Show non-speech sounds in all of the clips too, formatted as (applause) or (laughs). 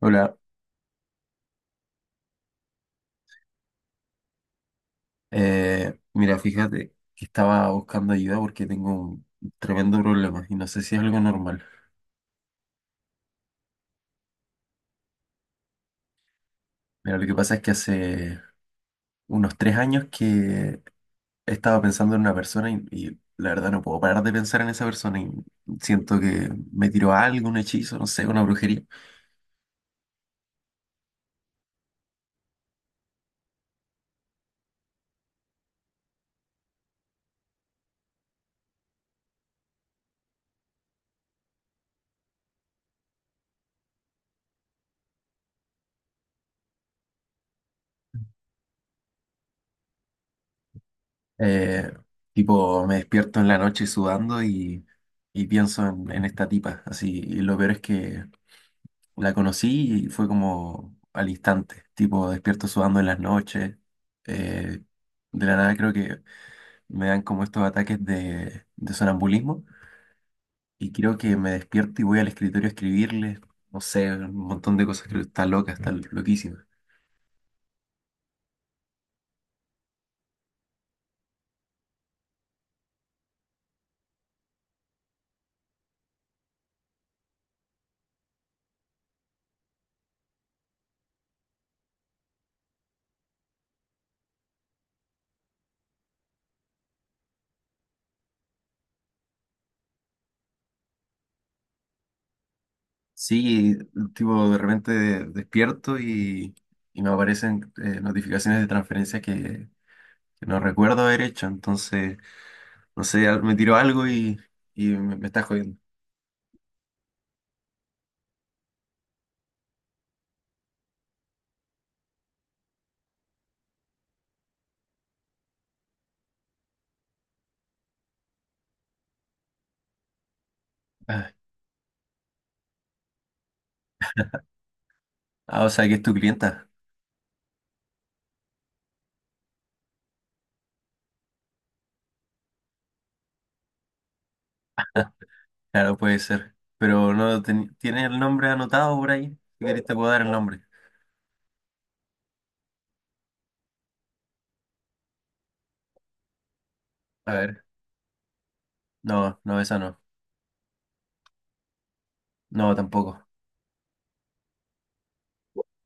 Hola, mira, fíjate que estaba buscando ayuda porque tengo un tremendo problema y no sé si es algo normal. Mira, lo que pasa es que hace unos 3 años que estaba pensando en una persona y la verdad no puedo parar de pensar en esa persona y siento que me tiró algo, un hechizo, no sé, una brujería. Eh, Tipo, me despierto en la noche sudando y pienso en esta tipa, así, y lo peor es que la conocí y fue como al instante, tipo despierto sudando en las noches. eh, de la nada creo que me dan como estos ataques de sonambulismo y creo que me despierto y voy al escritorio a escribirle, no sé, un montón de cosas, creo que está loca, está loquísima. Sí, tipo de repente despierto y me aparecen notificaciones de transferencias que no recuerdo haber hecho, entonces, no sé, me tiro algo y, y me está jodiendo. Ah. Ah, o sea que es tu clienta. Claro, puede ser. Pero no ten- tiene el nombre anotado por ahí. Si querés te puedo dar el nombre. A ver. No, no, esa no. No, tampoco.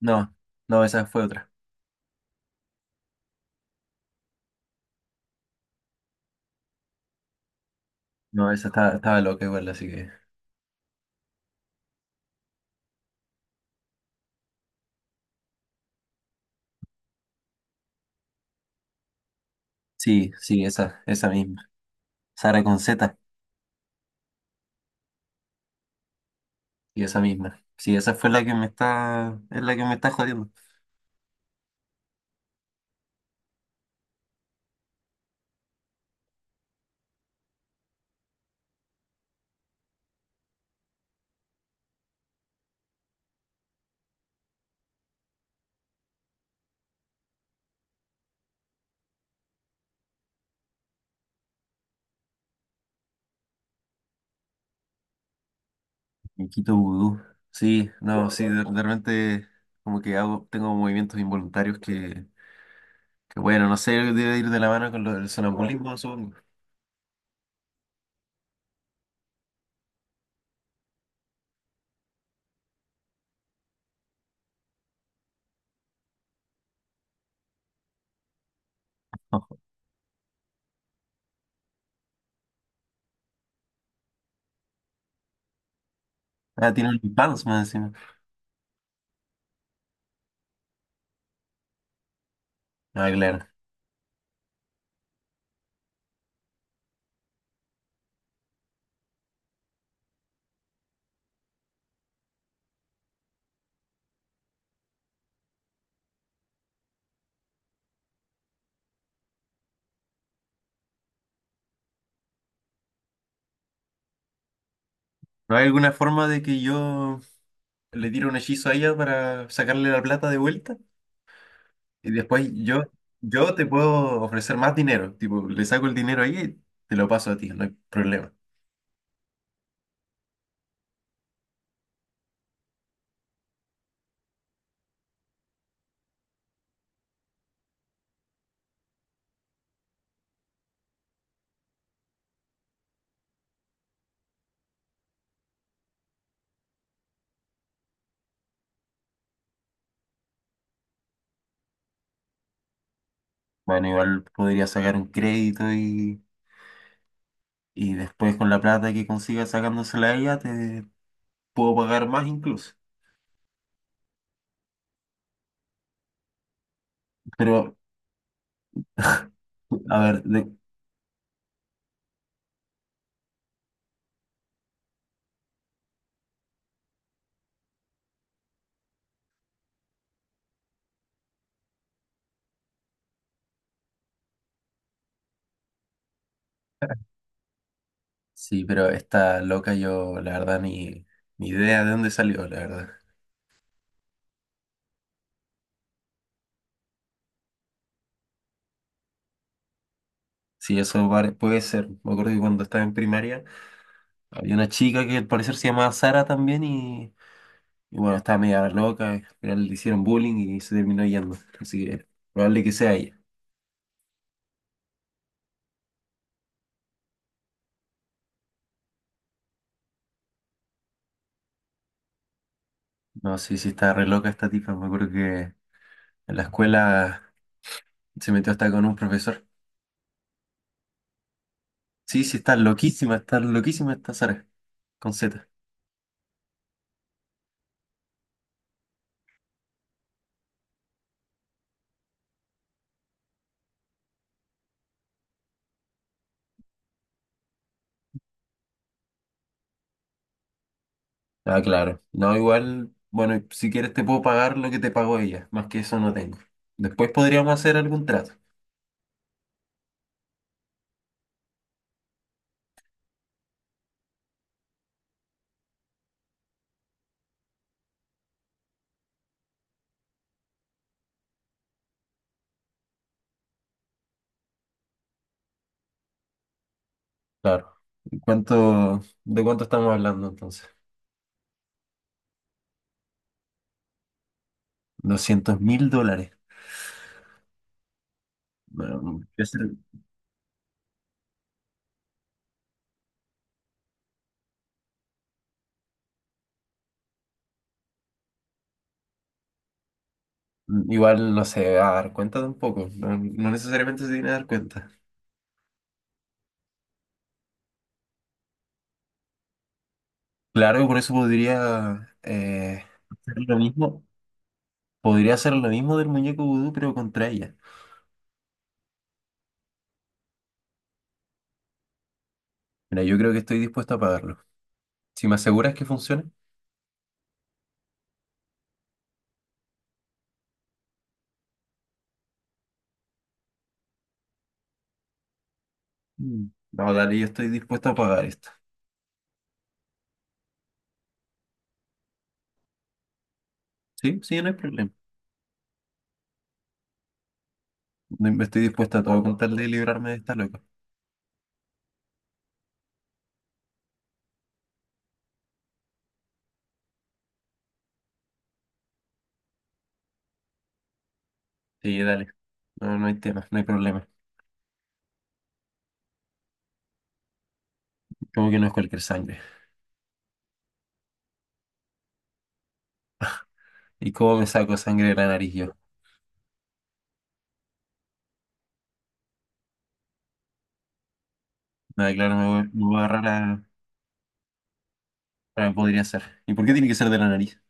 No, no, esa fue otra. No, esa estaba loca igual, así que. Sí, sí, esa misma. Sara con Z, y esa misma. Sí, esa fue la que me está, es la que me está jodiendo. Quito vudú. Sí, no, sí, de repente como que hago, tengo movimientos involuntarios que bueno, no sé, debe ir de la mano con lo del sonambulismo, supongo. (laughs) Ah, tiene OnlyFans más encima. Ah, claro. ¿No hay alguna forma de que yo le tire un hechizo a ella para sacarle la plata de vuelta? Y después yo, yo te puedo ofrecer más dinero. Tipo, le saco el dinero a ella y te lo paso a ti, no hay problema. Bueno, igual podría sacar un crédito y después con la plata que consiga sacándosela a ella te puedo pagar más incluso. Pero, a ver, sí, pero esta loca yo, la verdad, ni, ni idea de dónde salió, la verdad. Sí, puede ser. Me acuerdo que cuando estaba en primaria había una chica que al parecer se llamaba Sara también y bueno, estaba media loca, al final le hicieron bullying y se terminó yendo. Así que probable que sea ella. No, sí, sí, está re loca esta tipa. Me acuerdo que en la escuela se metió hasta con un profesor. Sí, sí, está loquísima esta Sara, con Z. Ah, claro. No, igual, bueno, si quieres te puedo pagar lo que te pagó ella. Más que eso no tengo. Después podríamos hacer algún trato. Claro. ¿Cuánto, de cuánto estamos hablando entonces? $200.000. Bueno, es el- Igual no se va a dar cuenta tampoco. No, no necesariamente se tiene que dar cuenta. Claro, por eso podría hacer lo mismo. Podría hacer lo mismo del muñeco vudú, pero contra ella. Mira, yo creo que estoy dispuesto a pagarlo. Si me aseguras que funciona, mm, no, dale, yo estoy dispuesto a pagar esto. Sí, sí, no hay problema. Me estoy dispuesto a todo con tal de librarme de esta loca. Sí, dale. No, no hay tema, no hay problema. Como que no es cualquier sangre. ¿Y cómo me saco sangre de la nariz yo? Ah, claro, me voy a agarrar a... Ah, podría ser. ¿Y por qué tiene que ser de la nariz?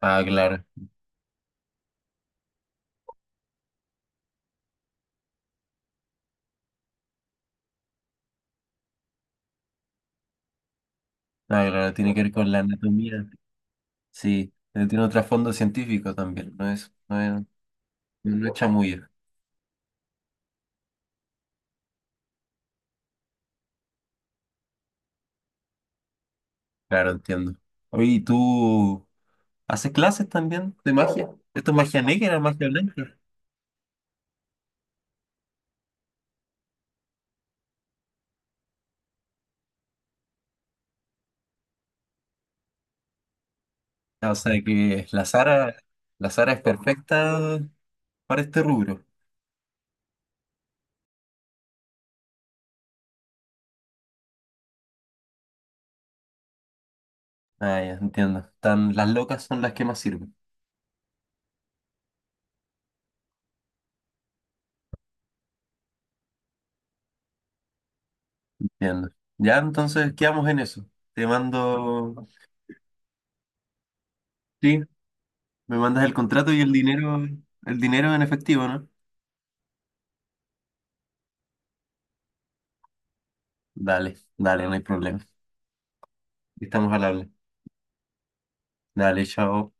Ah, claro. Ah, claro, tiene que ver con la anatomía. Sí, pero tiene un trasfondo científico también, no es chamuyo. Claro, entiendo. Oye, ¿y tú haces clases también de magia? ¿Esto es magia negra, magia blanca? Ah, o sea que la Sara es perfecta para este rubro. Ah, ya, entiendo. Tan, las locas son las que más sirven. Entiendo. Ya, entonces quedamos en eso. Te mando, sí, me mandas el contrato y el dinero en efectivo, ¿no? Dale, dale, no hay problema. Estamos al habla. Dale, chao.